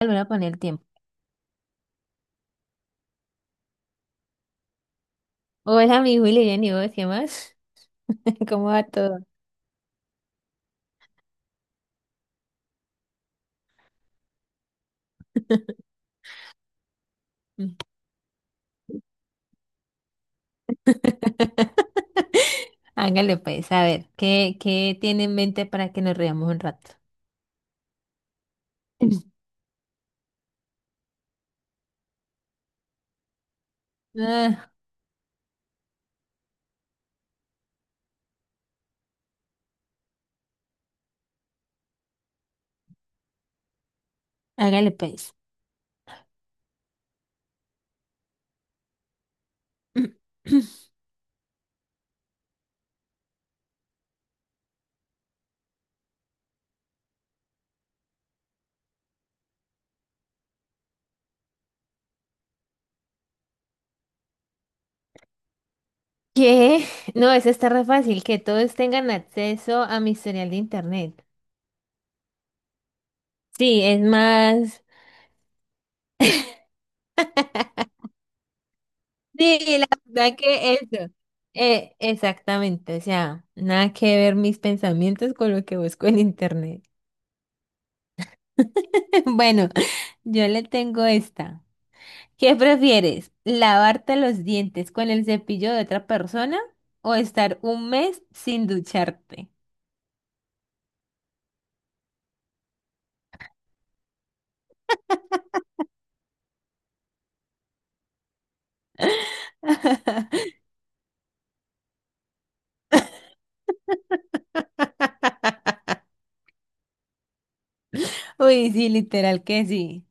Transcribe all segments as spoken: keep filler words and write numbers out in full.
Le voy el tiempo. Hola, mi Willy, bien, ¿y vos qué más? ¿Cómo va todo? Hágale pues, a ver, ¿qué, qué tiene en mente para que nos riamos un rato? Ah, hágale pues. ¿Qué? No, eso está re fácil, que todos tengan acceso a mi historial de internet. Sí, es más. Sí, la verdad que eso. Eh, exactamente, o sea, nada que ver mis pensamientos con lo que busco en internet. Bueno, yo le tengo esta. ¿Qué prefieres? ¿Lavarte los dientes con el cepillo de otra persona o estar un mes sin ducharte? Uy, sí, literal que sí.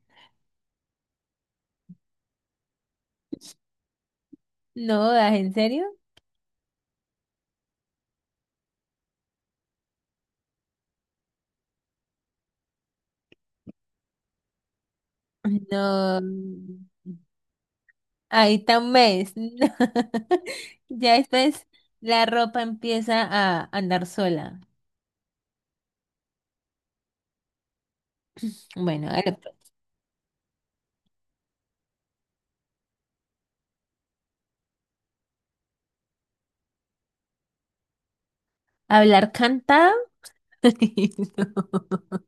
No, ¿das en serio? No. Ahí está un mes. No. Ya después la ropa empieza a andar sola. Bueno, hágale, pues. Hablar cantado. No.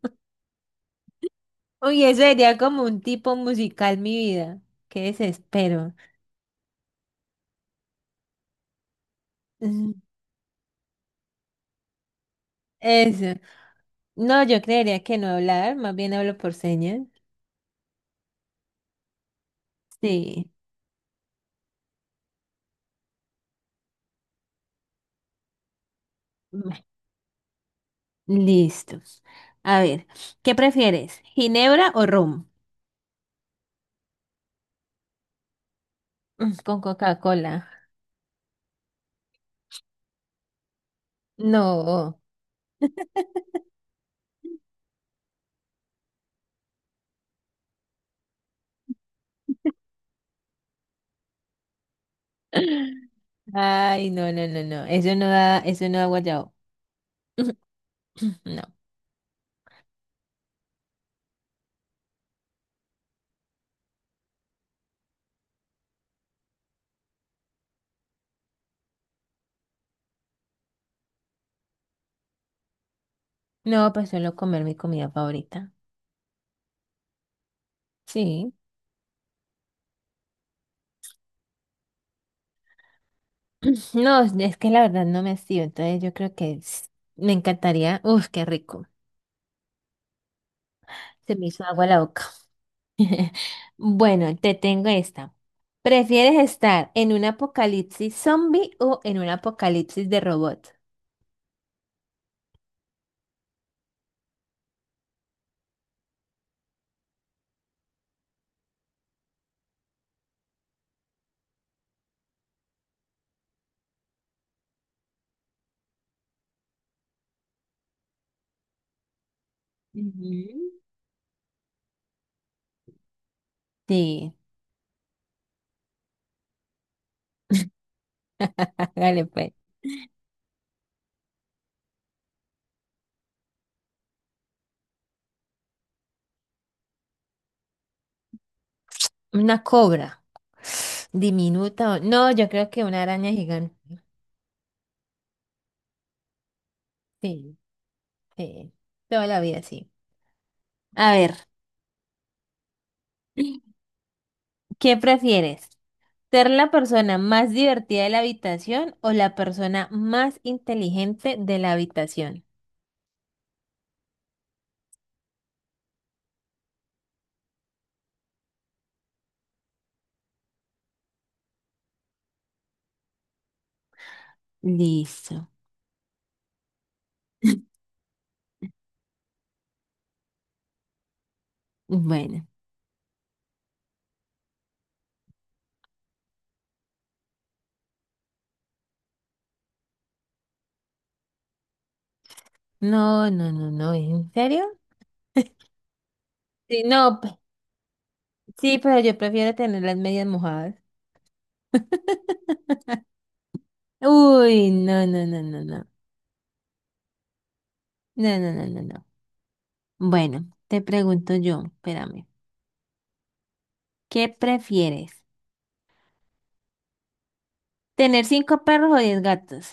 Uy, eso sería como un tipo musical, mi vida. Qué desespero. Mm, Eso. No, yo creería que no hablar, más bien hablo por señas. Sí. Bueno, listos. A ver, ¿qué prefieres? ¿Ginebra o rum? Mm, Con Coca-Cola. No. Ay, no, no, no, no. Eso no da, eso no da guayabo. No. No, pues suelo comer mi comida favorita. Sí. No, es que la verdad no me hacía, entonces yo creo que s- me encantaría. Uf, qué rico. Se me hizo agua la boca. Bueno, te tengo esta. ¿Prefieres estar en un apocalipsis zombie o en un apocalipsis de robot? Ujú. Sí, dale pues. Una cobra. Diminuta. o- No, yo creo que una araña gigante. Sí, sí. Toda la vida sí. A ver, ¿qué prefieres? ¿Ser la persona más divertida de la habitación o la persona más inteligente de la habitación? Listo. Bueno, no, no, no, no, ¿en serio? Sí, no, p- sí, pero yo prefiero tener las medias mojadas. Uy, no, no, no, no, no, no, no, no, no, no. Bueno, te pregunto yo, espérame, ¿qué prefieres? ¿Tener cinco perros o diez gatos?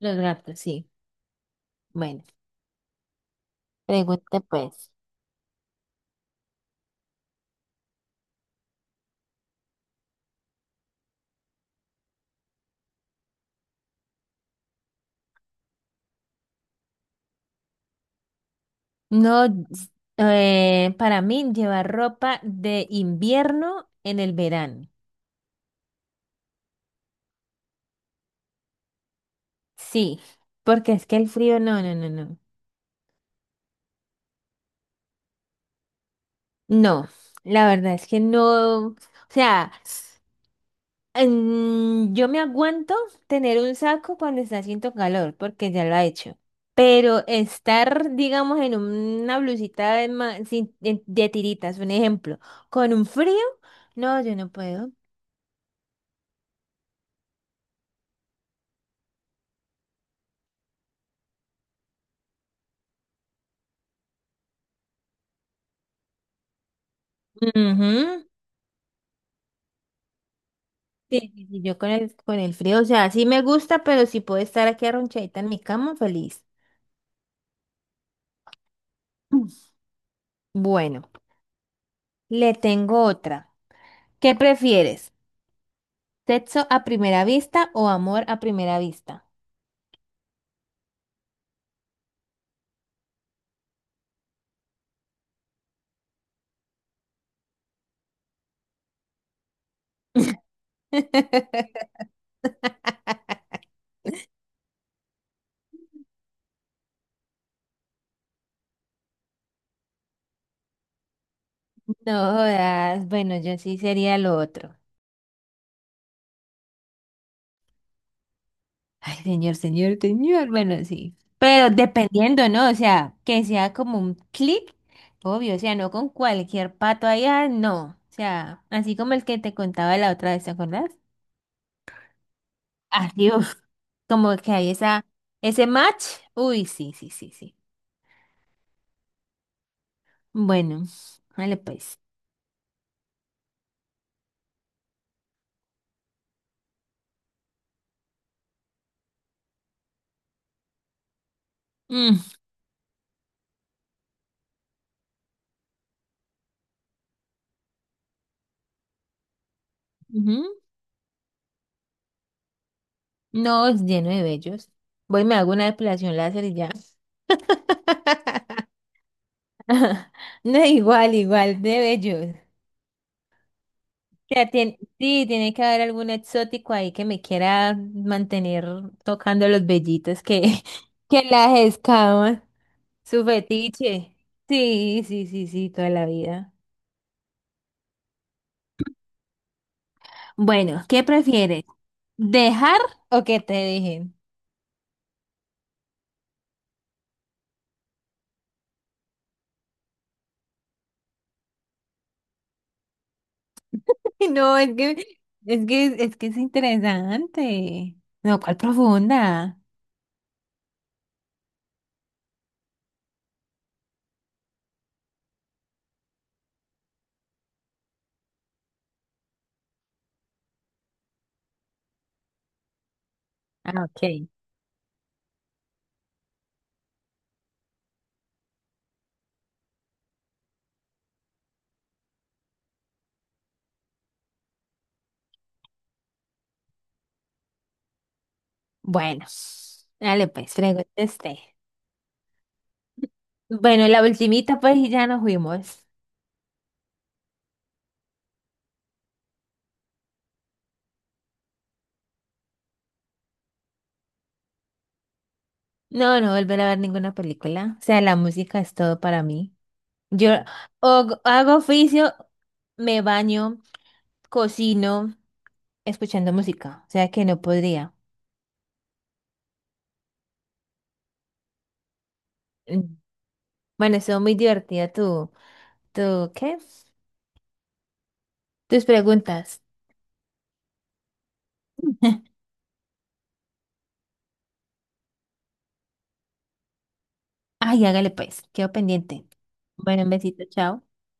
Los gatos, sí. Bueno, pregunta pues. No, s- eh, para mí llevar ropa de invierno en el verano. Sí, porque es que el frío, no, no, no, no. No, la verdad es que no. O sea, mm, yo me aguanto tener un saco cuando está haciendo calor, porque ya lo ha hecho. Pero estar, digamos, en una blusita de, ma- sin- de de tiritas, un ejemplo, con un frío, no, yo no puedo. Ujú. Sí, sí, sí, yo con el, con el, frío, o sea, sí me gusta, pero si puedo estar aquí arronchadita en mi cama, feliz. Mm. Bueno, le tengo otra. ¿Qué prefieres? ¿Sexo a primera vista o amor a primera vista? No jodas, bueno, yo sí sería lo otro. Ay, señor, señor, señor, bueno, sí. Pero dependiendo, ¿no? O sea, que sea como un clic, obvio, o sea, no con cualquier pato allá, no. O sea, así como el que te contaba la otra vez, ¿te acuerdas? Ah, Dios, como que hay esa, ese match. Uy, sí, sí, sí, sí. Bueno, vale pues. Mm, ujú. No, es lleno de vellos. Voy, y me hago una depilación láser y ya. No, igual, igual, de bellos. O sea, tien- sí, tiene que haber algún exótico ahí que me quiera mantener tocando los vellitos que, que las escaman. Su fetiche. Sí, sí, sí, sí, toda la vida. Bueno, ¿qué prefieres? ¿Dejar o que te dejen? No, es que, es que, es que es interesante. No, ¿cuál profunda? Ah, ok. Bueno, dale pues, pregúntese usted. Bueno, la ultimita pues y ya nos fuimos. No, no volver a ver ninguna película. O sea, la música es todo para mí. Yo o- hago oficio, me baño, cocino, escuchando música. O sea que no podría. Mm. Bueno, estuvo muy divertida tu, tu, ¿qué? Tus preguntas. Ay, hágale pues, quedo pendiente. Bueno, un besito, chao.